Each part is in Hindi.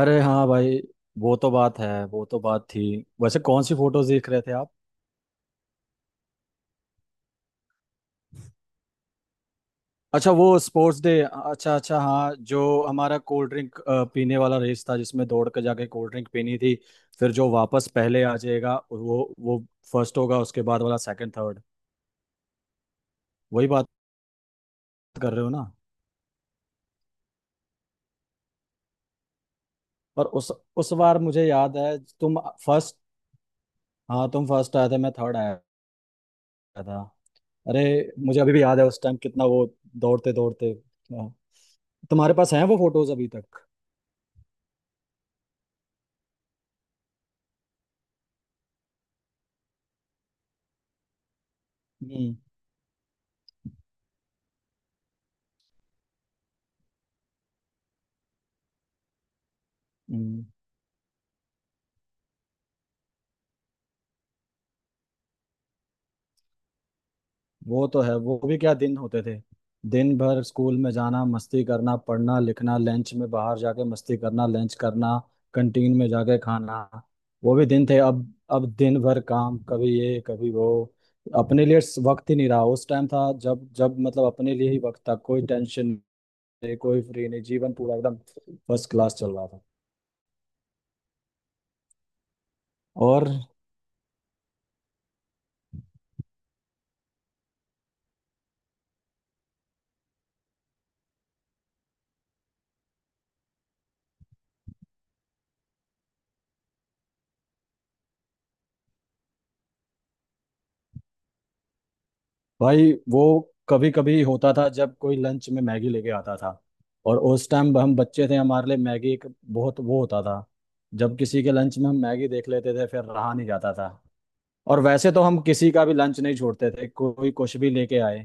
अरे हाँ भाई। वो तो बात है, वो तो बात थी। वैसे कौन सी फोटोज देख रहे थे आप? अच्छा, वो स्पोर्ट्स डे। अच्छा अच्छा, हाँ, जो हमारा कोल्ड ड्रिंक पीने वाला रेस था, जिसमें दौड़ के जाके कोल्ड ड्रिंक पीनी थी, फिर जो वापस पहले आ जाएगा वो फर्स्ट होगा, उसके बाद वाला सेकंड, थर्ड। वही बात कर रहे हो ना? पर उस बार मुझे याद है तुम फर्स्ट, हाँ तुम फर्स्ट आए थे, मैं थर्ड आया था। अरे मुझे अभी भी याद है उस टाइम कितना वो दौड़ते दौड़ते। तुम्हारे पास हैं वो फोटोज अभी तक? हम्म। हम्म। वो तो है, वो भी क्या दिन होते थे। दिन भर स्कूल में जाना, मस्ती करना, पढ़ना लिखना, लंच में बाहर जाके मस्ती करना, लंच करना, कंटीन में जाके खाना, वो भी दिन थे। अब। अब दिन भर काम, कभी ये कभी वो, अपने लिए वक्त ही नहीं रहा। उस टाइम था जब जब, मतलब, अपने लिए ही वक्त था, कोई टेंशन नहीं, कोई फ्री नहीं, जीवन पूरा एकदम फर्स्ट क्लास चल रहा था। और भाई वो कभी कभी होता था जब कोई लंच में मैगी लेके आता था, और उस टाइम हम बच्चे थे, हमारे लिए मैगी एक बहुत वो होता था। जब किसी के लंच में हम मैगी देख लेते थे फिर रहा नहीं जाता था, और वैसे तो हम किसी का भी लंच नहीं छोड़ते थे, कोई कुछ भी लेके आए।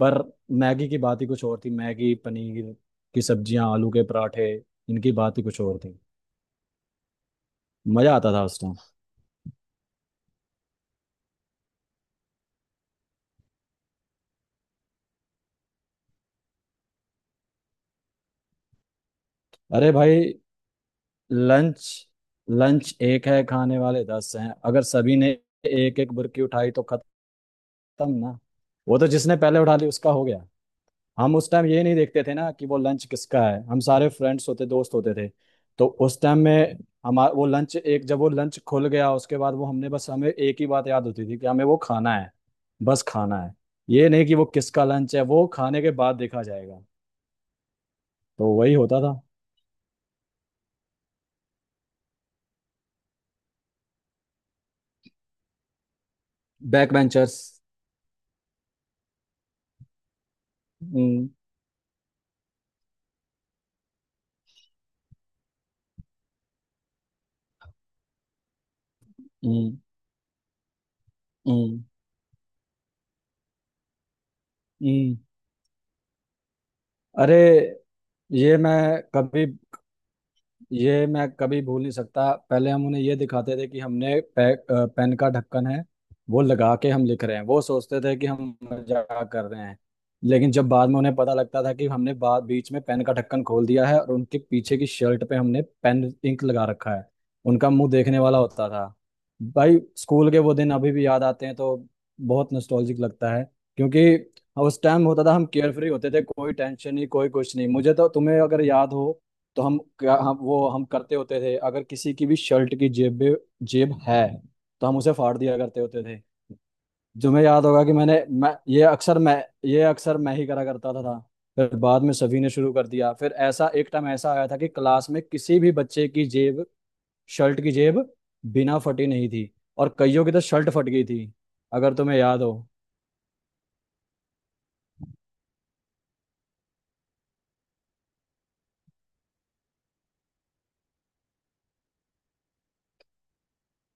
पर मैगी की बात ही कुछ और थी। मैगी, पनीर की सब्जियां, आलू के पराठे, इनकी बात ही कुछ और थी। मजा आता था उस टाइम। अरे भाई, लंच, लंच एक है, खाने वाले 10 हैं, अगर सभी ने एक एक बुरकी उठाई तो खत्म ना। वो तो जिसने पहले उठा ली उसका हो गया। हम उस टाइम ये नहीं देखते थे ना कि वो लंच किसका है, हम सारे फ्रेंड्स होते, दोस्त होते थे। तो उस टाइम में हमारा वो लंच एक, जब वो लंच खुल गया उसके बाद वो, हमने बस, हमें एक ही बात याद होती थी कि हमें वो खाना है, बस खाना है। ये नहीं कि वो किसका लंच है, वो खाने के बाद देखा जाएगा। तो वही होता था। Back benchers. हम्म। हम्म। हम्म। हम्म। अरे, ये मैं कभी ये मैं कभी भूल नहीं सकता। पहले हम उन्हें ये दिखाते थे कि हमने पेन का ढक्कन है, वो लगा के हम लिख रहे हैं, वो सोचते थे कि हम मजाक कर रहे हैं। लेकिन जब बाद में उन्हें पता लगता था कि हमने बाद बीच में पेन का ढक्कन खोल दिया है और उनके पीछे की शर्ट पे हमने पेन इंक लगा रखा है, उनका मुंह देखने वाला होता था। भाई स्कूल के वो दिन अभी भी याद आते हैं तो बहुत नॉस्टैल्जिक लगता है, क्योंकि उस टाइम होता था हम केयरफ्री होते थे, कोई टेंशन नहीं, कोई कुछ नहीं। मुझे तो, तुम्हें अगर याद हो, तो हम क्या हम वो हम करते होते थे अगर किसी की भी शर्ट की जेब में, जेब है तो हम उसे फाड़ दिया करते होते थे। तुम्हें याद होगा कि मैं ये अक्सर मैं ही करा करता था। फिर बाद में सभी ने शुरू कर दिया, फिर ऐसा एक टाइम ऐसा आया था कि क्लास में किसी भी बच्चे की जेब, शर्ट की जेब बिना फटी नहीं थी, और कईयों की तो शर्ट फट गई थी, अगर तुम्हें याद हो।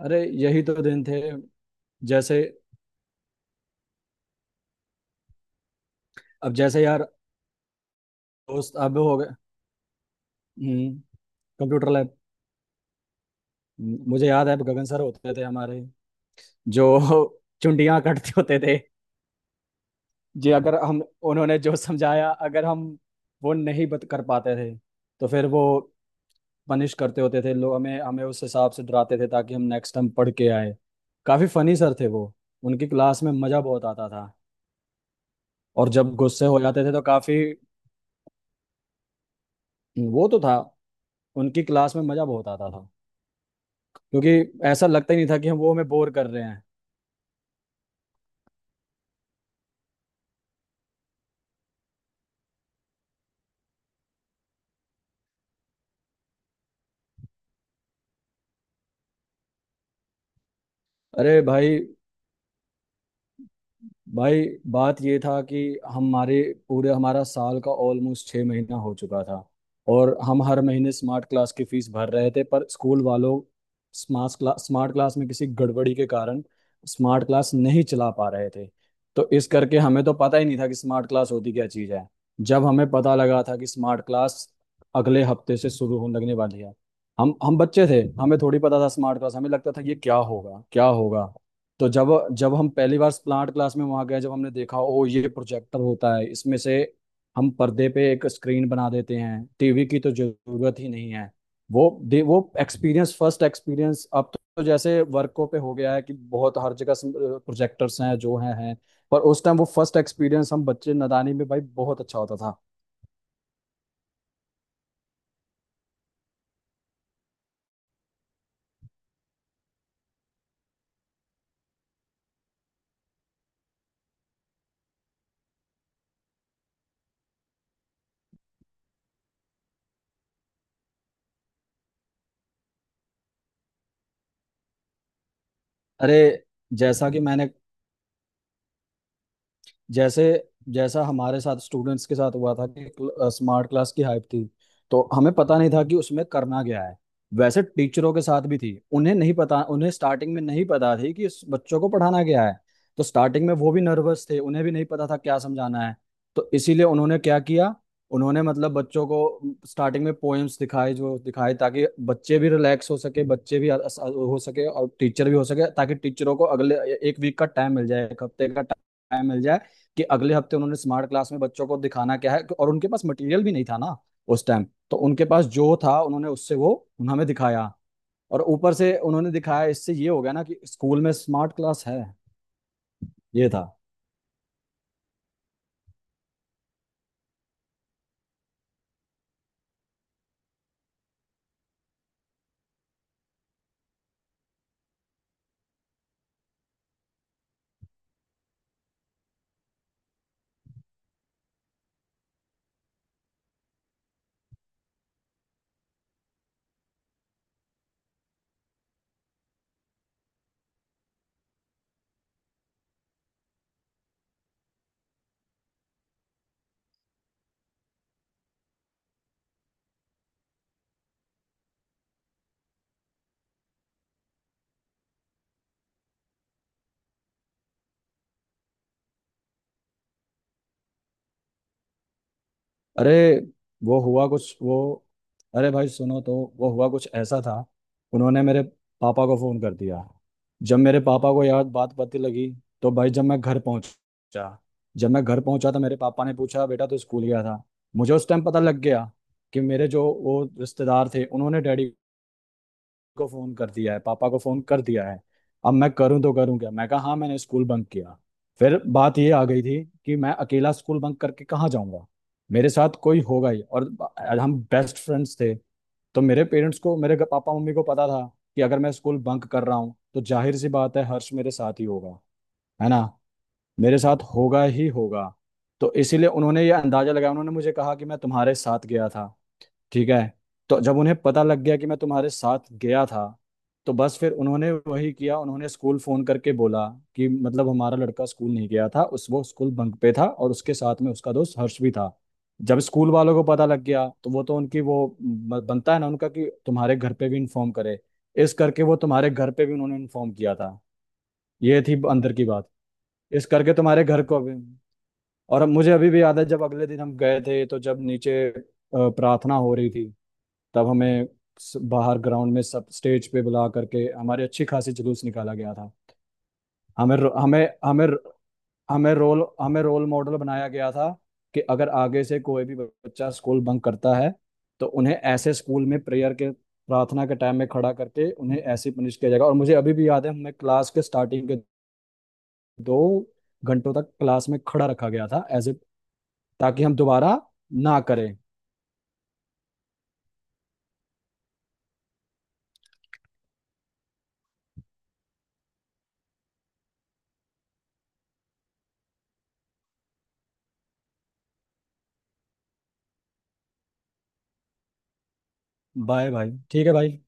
अरे यही तो दिन थे। जैसे, अब जैसे यार, दोस्त अब हो गए। हम्म। Computer lab. मुझे याद है गगन सर होते थे हमारे, जो चुंडियां कटते होते थे जी। अगर हम उन्होंने जो समझाया, अगर हम वो नहीं बत कर पाते थे तो फिर वो पनिश करते होते थे, लोग हमें, उस हिसाब से डराते थे ताकि हम नेक्स्ट टाइम पढ़ के आए। काफी फनी सर थे वो। उनकी क्लास में मजा बहुत आता था। और जब गुस्से हो जाते थे तो काफी। वो तो था। उनकी क्लास में मजा बहुत आता था, क्योंकि ऐसा लगता ही नहीं था कि हम वो हमें बोर कर रहे हैं। अरे भाई भाई, बात ये था कि हमारे पूरे हमारा साल का ऑलमोस्ट 6 महीना हो चुका था, और हम हर महीने स्मार्ट क्लास की फीस भर रहे थे, पर स्कूल वालों, स्मार्ट क्लास में किसी गड़बड़ी के कारण स्मार्ट क्लास नहीं चला पा रहे थे। तो इस करके हमें तो पता ही नहीं था कि स्मार्ट क्लास होती क्या चीज़ है। जब हमें पता लगा था कि स्मार्ट क्लास अगले हफ्ते से शुरू होने लगने वाली है, हम बच्चे थे, हमें थोड़ी पता था स्मार्ट क्लास, हमें लगता था ये क्या होगा क्या होगा। तो जब, जब हम पहली बार प्लांट क्लास में वहां गए, जब हमने देखा ओ ये प्रोजेक्टर होता है, इसमें से हम पर्दे पे एक स्क्रीन बना देते हैं, टीवी की तो जरूरत ही नहीं है। वो एक्सपीरियंस, फर्स्ट एक्सपीरियंस, अब तो जैसे वर्कों पे हो गया है कि बहुत हर जगह प्रोजेक्टर्स हैं जो हैं। पर उस टाइम वो फर्स्ट एक्सपीरियंस, हम बच्चे नादानी में, भाई, बहुत अच्छा होता था। अरे, जैसा कि मैंने जैसे जैसा हमारे साथ स्टूडेंट्स के साथ हुआ था कि स्मार्ट क्लास की हाइप थी, तो हमें पता नहीं था कि उसमें करना क्या है। वैसे टीचरों के साथ भी थी, उन्हें नहीं पता, उन्हें स्टार्टिंग में नहीं पता थी कि इस बच्चों को पढ़ाना क्या है, तो स्टार्टिंग में वो भी नर्वस थे, उन्हें भी नहीं पता था क्या समझाना है। तो इसीलिए उन्होंने क्या किया, उन्होंने, मतलब, बच्चों को स्टार्टिंग में पोएम्स दिखाए, जो दिखाए, ताकि बच्चे भी रिलैक्स हो सके, बच्चे भी हो सके, और टीचर भी हो सके, ताकि टीचरों को अगले एक वीक का टाइम मिल जाए, एक हफ्ते का टाइम मिल जाए, कि अगले हफ्ते उन्होंने स्मार्ट क्लास में बच्चों को दिखाना क्या है, और उनके पास मटेरियल भी नहीं था ना उस टाइम। तो उनके पास जो था उन्होंने उससे वो हमें दिखाया, और ऊपर से उन्होंने दिखाया, इससे ये हो गया ना कि स्कूल में स्मार्ट क्लास है। ये था। अरे वो हुआ कुछ वो अरे भाई सुनो, तो वो हुआ कुछ ऐसा था। उन्होंने मेरे पापा को फोन कर दिया। जब मेरे पापा को यार बात पता लगी, तो भाई, जब मैं घर पहुंचा, तो मेरे पापा ने पूछा बेटा तू स्कूल गया था। मुझे उस टाइम पता लग गया कि मेरे जो वो रिश्तेदार थे उन्होंने डैडी को फोन कर दिया है, पापा को फोन कर दिया है। अब मैं करूं तो करूं क्या, मैं कहा हाँ मैंने स्कूल बंक किया। फिर बात ये आ गई थी कि मैं अकेला स्कूल बंक करके कहाँ जाऊंगा, मेरे साथ कोई होगा ही, और हम बेस्ट फ्रेंड्स थे। तो मेरे पेरेंट्स को, मेरे पापा मम्मी को पता था कि अगर मैं स्कूल बंक कर रहा हूँ तो जाहिर सी बात है हर्ष मेरे साथ ही होगा, है ना। मेरे साथ होगा ही होगा। तो इसीलिए उन्होंने ये अंदाजा लगाया, उन्होंने मुझे कहा कि मैं तुम्हारे साथ गया था, ठीक है। तो जब उन्हें पता लग गया कि मैं तुम्हारे साथ गया था, तो बस फिर उन्होंने वही किया, उन्होंने स्कूल फोन करके बोला कि मतलब हमारा लड़का स्कूल नहीं गया था, उस, वो स्कूल बंक पे था, और उसके साथ में उसका दोस्त हर्ष भी था। जब स्कूल वालों को पता लग गया तो वो तो उनकी वो बनता है ना उनका कि तुम्हारे घर पे भी इन्फॉर्म करे। इस करके वो तुम्हारे घर पे भी उन्होंने इन्फॉर्म किया था। ये थी अंदर की बात, इस करके तुम्हारे घर को भी। और अब मुझे अभी भी याद है जब अगले दिन हम गए थे, तो जब नीचे प्रार्थना हो रही थी, तब हमें बाहर ग्राउंड में सब स्टेज पे बुला करके हमारी अच्छी खासी जुलूस निकाला गया था। हमें रो- हमें हमें हमें रोल मॉडल बनाया गया था कि अगर आगे से कोई भी बच्चा स्कूल बंक करता है तो उन्हें ऐसे स्कूल में प्रेयर के प्रार्थना के टाइम में खड़ा करके उन्हें ऐसे पनिश किया जाएगा। और मुझे अभी भी याद है हमने क्लास के स्टार्टिंग के 2 घंटों तक क्लास में खड़ा रखा गया था, एज ए, ताकि हम दोबारा ना करें। बाय भाई, ठीक है भाई।